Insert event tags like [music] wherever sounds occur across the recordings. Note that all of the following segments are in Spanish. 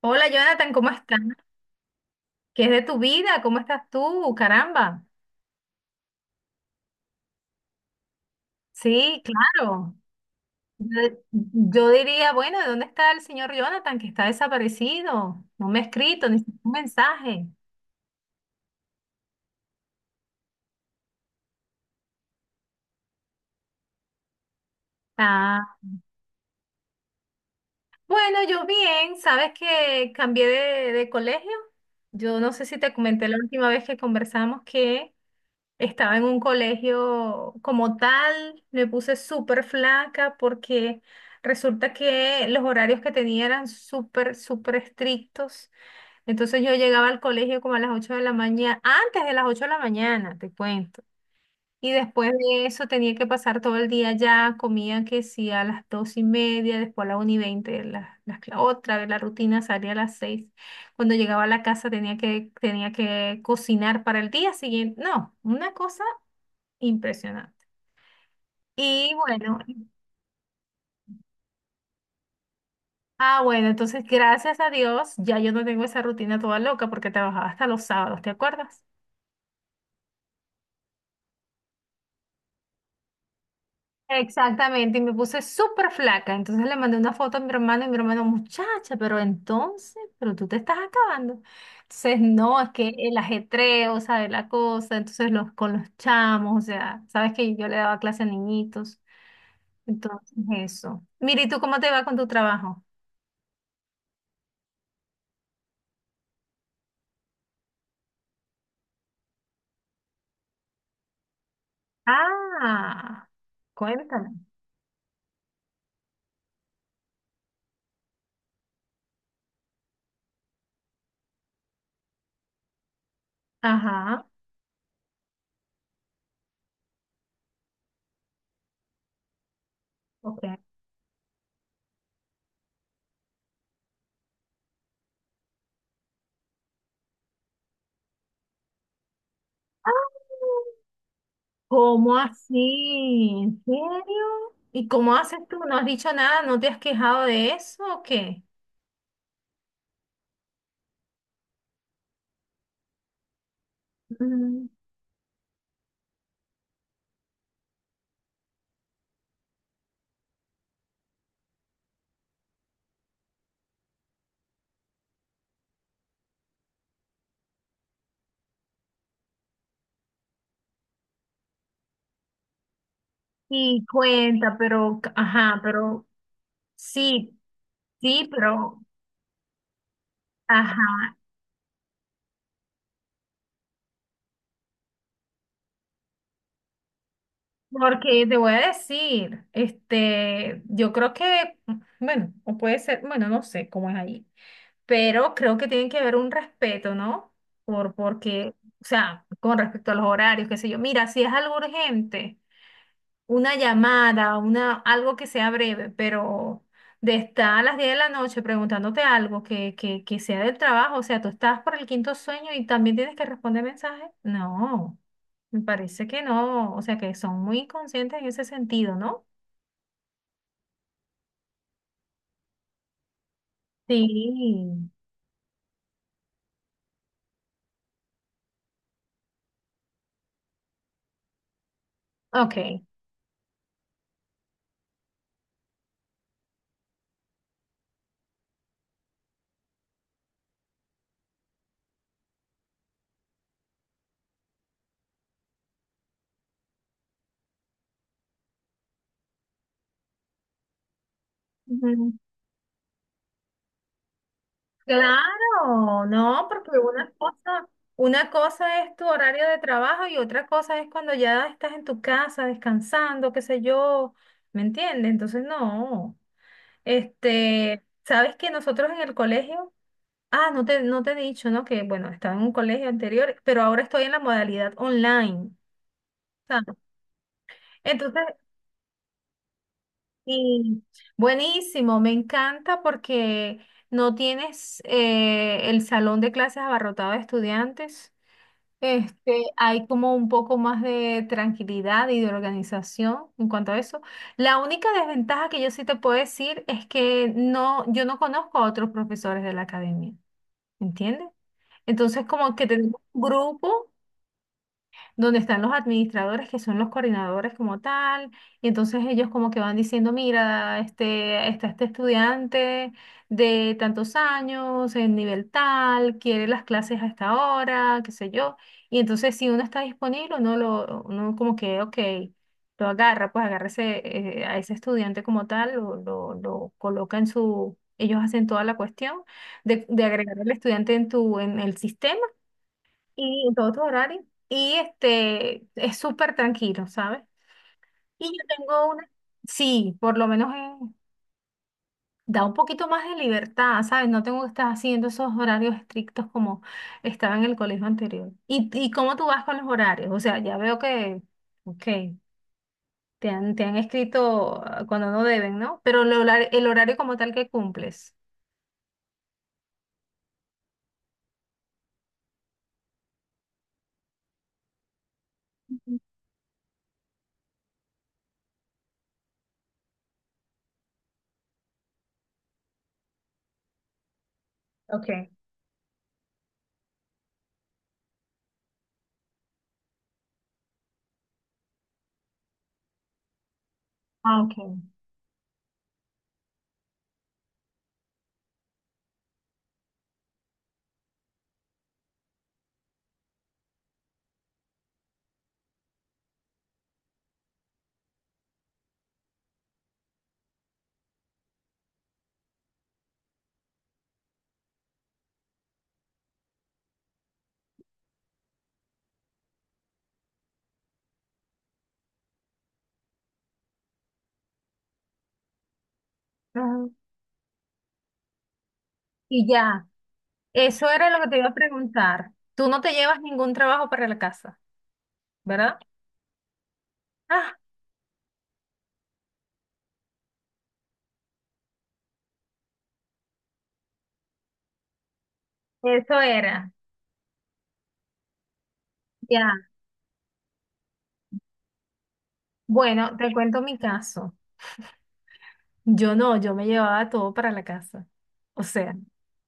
Hola Jonathan, ¿cómo estás? ¿Qué es de tu vida? ¿Cómo estás tú? Caramba. Sí, claro. Yo, yo diría, bueno, ¿de dónde está el señor Jonathan que está desaparecido? No me ha escrito ni siquiera un mensaje. Ah, bueno, yo bien, ¿sabes que cambié de colegio? Yo no sé si te comenté la última vez que conversamos que. Estaba en un colegio como tal, me puse súper flaca porque resulta que los horarios que tenía eran súper, súper estrictos. Entonces yo llegaba al colegio como a las 8 de la mañana, antes de las 8 de la mañana, te cuento. Y después de eso tenía que pasar todo el día ya, comía que sí a las 2 y media, después a la 1 y veinte, otra vez la rutina salía a las 6. Cuando llegaba a la casa tenía que cocinar para el día siguiente. No, una cosa impresionante. Y bueno, bueno, entonces gracias a Dios, ya yo no tengo esa rutina toda loca porque trabajaba hasta los sábados, ¿te acuerdas? Exactamente, y me puse súper flaca. Entonces le mandé una foto a mi hermano y mi hermano, muchacha, pero entonces, pero tú te estás acabando. Entonces, no, es que el ajetreo, ¿sabes? La cosa, entonces los con los chamos, o sea, sabes que yo le daba clase a niñitos. Entonces, eso. Mira, ¿y tú cómo te va con tu trabajo? Ah, cuéntame. Ajá. Ok. ¡Ah! ¿Cómo así? ¿En serio? ¿Y cómo haces tú? ¿No has dicho nada? ¿No te has quejado de eso o qué? Mm, sí, cuenta, pero, ajá, pero sí, sí, pero, ajá, porque te voy a decir, este, yo creo que, bueno, o puede ser, bueno, no sé cómo es ahí, pero creo que tiene que haber un respeto, ¿no? Porque, o sea, con respecto a los horarios, qué sé yo, mira, si es algo urgente. Una llamada, una, algo que sea breve, pero de estar a las 10 de la noche preguntándote algo que sea del trabajo, o sea, tú estás por el quinto sueño y también tienes que responder mensajes. No, me parece que no, o sea, que son muy inconscientes en ese sentido, ¿no? Sí, ok. Claro, no, porque una cosa es tu horario de trabajo y otra cosa es cuando ya estás en tu casa descansando, qué sé yo, ¿me entiendes? Entonces, no. Este, sabes que nosotros en el colegio, ah, no te he dicho, ¿no? Que bueno, estaba en un colegio anterior, pero ahora estoy en la modalidad online, ¿sabes? Entonces, y buenísimo, me encanta porque no tienes el salón de clases abarrotado de estudiantes. Este, hay como un poco más de tranquilidad y de organización en cuanto a eso. La única desventaja que yo sí te puedo decir es que no, yo no conozco a otros profesores de la academia, ¿entiendes? Entonces, como que tenemos un grupo donde están los administradores que son los coordinadores como tal, y entonces ellos como que van diciendo, mira, este, está este estudiante de tantos años, en nivel tal, quiere las clases a esta hora, qué sé yo, y entonces si uno está disponible, uno lo, uno como que, ok, lo agarra, pues agarra ese, a ese estudiante como tal, lo coloca en su, ellos hacen toda la cuestión de agregar al estudiante en tu, en el sistema y en todos tus horarios. Y este, es súper tranquilo, ¿sabes? Y yo tengo una, sí, por lo menos da un poquito más de libertad, ¿sabes? No tengo que estar haciendo esos horarios estrictos como estaba en el colegio anterior. ¿Y cómo tú vas con los horarios? O sea, ya veo que, ok, te han escrito cuando no deben, ¿no? Pero el horario como tal que cumples. Ok. Ah, ok. Ajá. Y ya. Eso era lo que te iba a preguntar. Tú no te llevas ningún trabajo para la casa, ¿verdad? Ah, eso era. Ya. Bueno, te cuento mi caso. Yo no, yo me llevaba todo para la casa. O sea,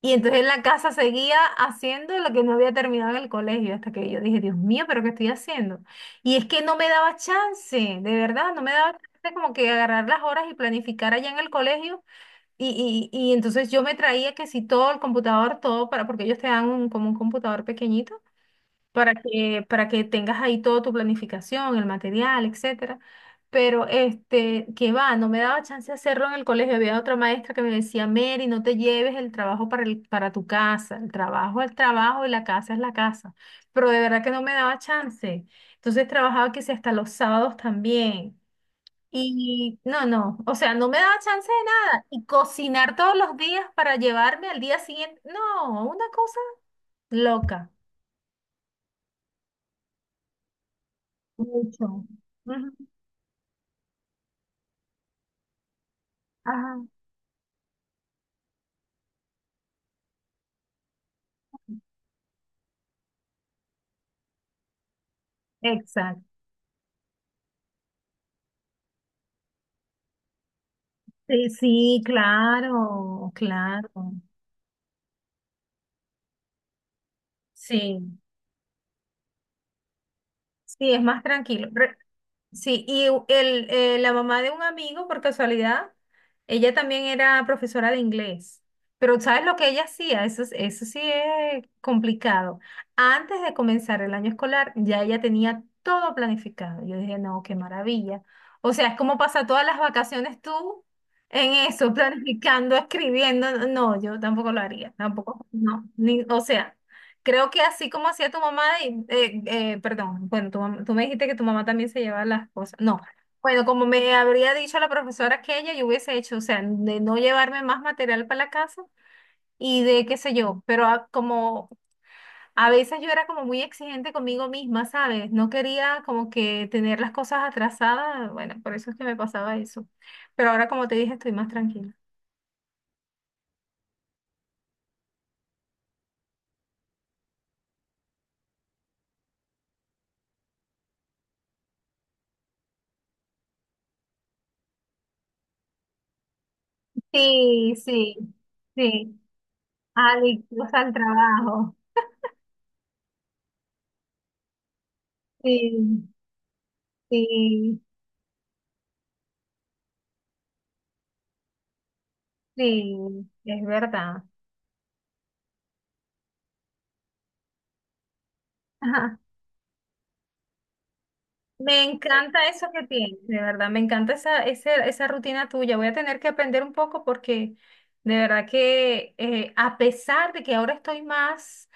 y entonces en la casa seguía haciendo lo que no había terminado en el colegio hasta que yo dije, Dios mío, pero ¿qué estoy haciendo? Y es que no me daba chance, de verdad, no me daba chance como que agarrar las horas y planificar allá en el colegio. Y entonces yo me traía que si todo el computador, todo para, porque ellos te dan como un computador pequeñito para que tengas ahí toda tu planificación, el material, etcétera. Pero este, que va, no me daba chance de hacerlo en el colegio. Había otra maestra que me decía, Mary, no te lleves el trabajo para el, para tu casa. El trabajo es el trabajo y la casa es la casa. Pero de verdad que no me daba chance. Entonces trabajaba que si hasta los sábados también. Y no, no, o sea, no me daba chance de nada. Y cocinar todos los días para llevarme al día siguiente, no, una cosa loca. Mucho. Ujú. Ajá, exacto. Sí, sí, claro, claro. Sí, sí, es más tranquilo. Sí, y la mamá de un amigo, por casualidad, ella también era profesora de inglés. Pero ¿sabes lo que ella hacía? Eso, eso sí es complicado. Antes de comenzar el año escolar, ya ella tenía todo planificado. Yo dije, no, qué maravilla. O sea, es como pasar todas las vacaciones tú en eso, [laughs] planificando, escribiendo. No, yo tampoco lo haría, tampoco, no. Ni, o sea. Creo que así como hacía tu mamá, perdón, bueno, tú me dijiste que tu mamá también se llevaba las cosas. No, bueno, como me habría dicho la profesora que ella, yo hubiese hecho, o sea, de no llevarme más material para la casa y de qué sé yo, pero como a veces yo era como muy exigente conmigo misma, ¿sabes? No quería como que tener las cosas atrasadas, bueno, por eso es que me pasaba eso. Pero ahora, como te dije, estoy más tranquila. Sí, sí, sí. Adictos al trabajo. Sí, sí. Sí, es verdad. Ajá. Me encanta eso que tienes, de verdad, me encanta esa rutina tuya. Voy a tener que aprender un poco porque de verdad que a pesar de que ahora estoy más,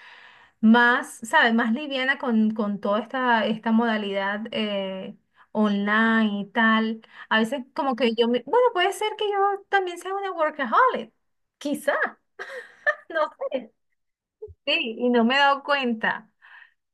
más, ¿sabes? Más liviana con toda esta modalidad online y tal, a veces como que yo, me, bueno, puede ser que yo también sea una workaholic, quizá, [laughs] no sé, sí, y no me he dado cuenta.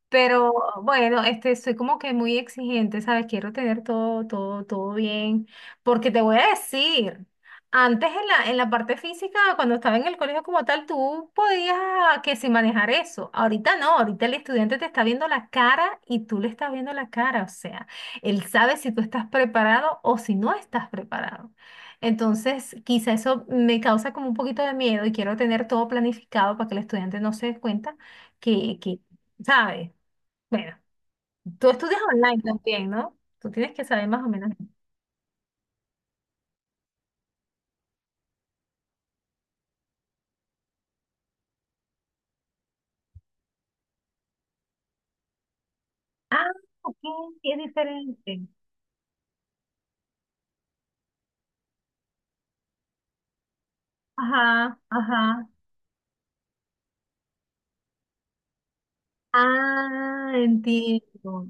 Pero bueno, este, soy como que muy exigente, ¿sabes? Quiero tener todo, todo, todo bien. Porque te voy a decir, antes en la parte física, cuando estaba en el colegio como tal, tú podías que si manejar eso. Ahorita no, ahorita el estudiante te está viendo la cara y tú le estás viendo la cara. O sea, él sabe si tú estás preparado o si no estás preparado. Entonces, quizá eso me causa como un poquito de miedo y quiero tener todo planificado para que el estudiante no se dé cuenta que ¿sabes? Bueno, tú estudias online también, ¿no? Tú tienes que saber más o menos. Ah, ok, es diferente. Ajá, ajá. Ah, entiendo.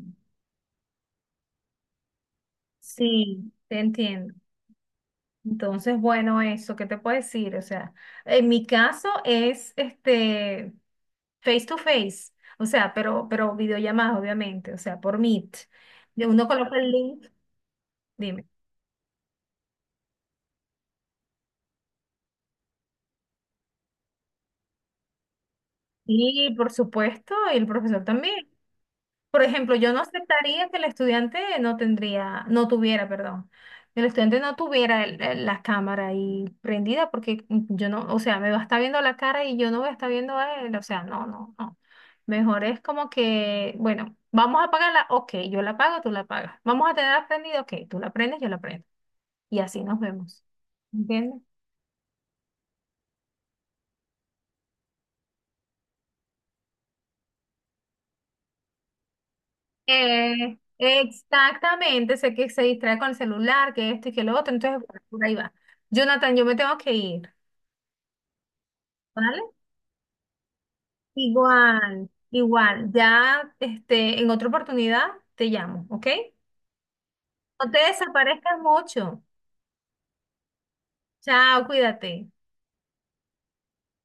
Sí, te entiendo. Entonces, bueno, eso, ¿qué te puedo decir? O sea, en mi caso es este face to face, o sea, pero videollamadas, obviamente, o sea, por Meet. Y uno coloca el link, dime. Y por supuesto, y el profesor también. Por ejemplo, yo no aceptaría que el estudiante no tendría, no tuviera, perdón, que el estudiante no tuviera la cámara ahí prendida porque yo no, o sea, me va a estar viendo la cara y yo no voy a estar viendo a él, o sea, no, no, no. Mejor es como que, bueno, vamos a apagarla, ok, yo la apago, tú la apagas. Vamos a tenerla prendida, ok, tú la prendes, yo la prendo. Y así nos vemos. ¿Entiendes? Exactamente, sé que se distrae con el celular, que esto y que lo otro, entonces por ahí va. Jonathan, yo me tengo que ir. ¿Vale? Igual, igual. Ya, este, en otra oportunidad te llamo, ¿ok? No te desaparezcas mucho. Chao, cuídate.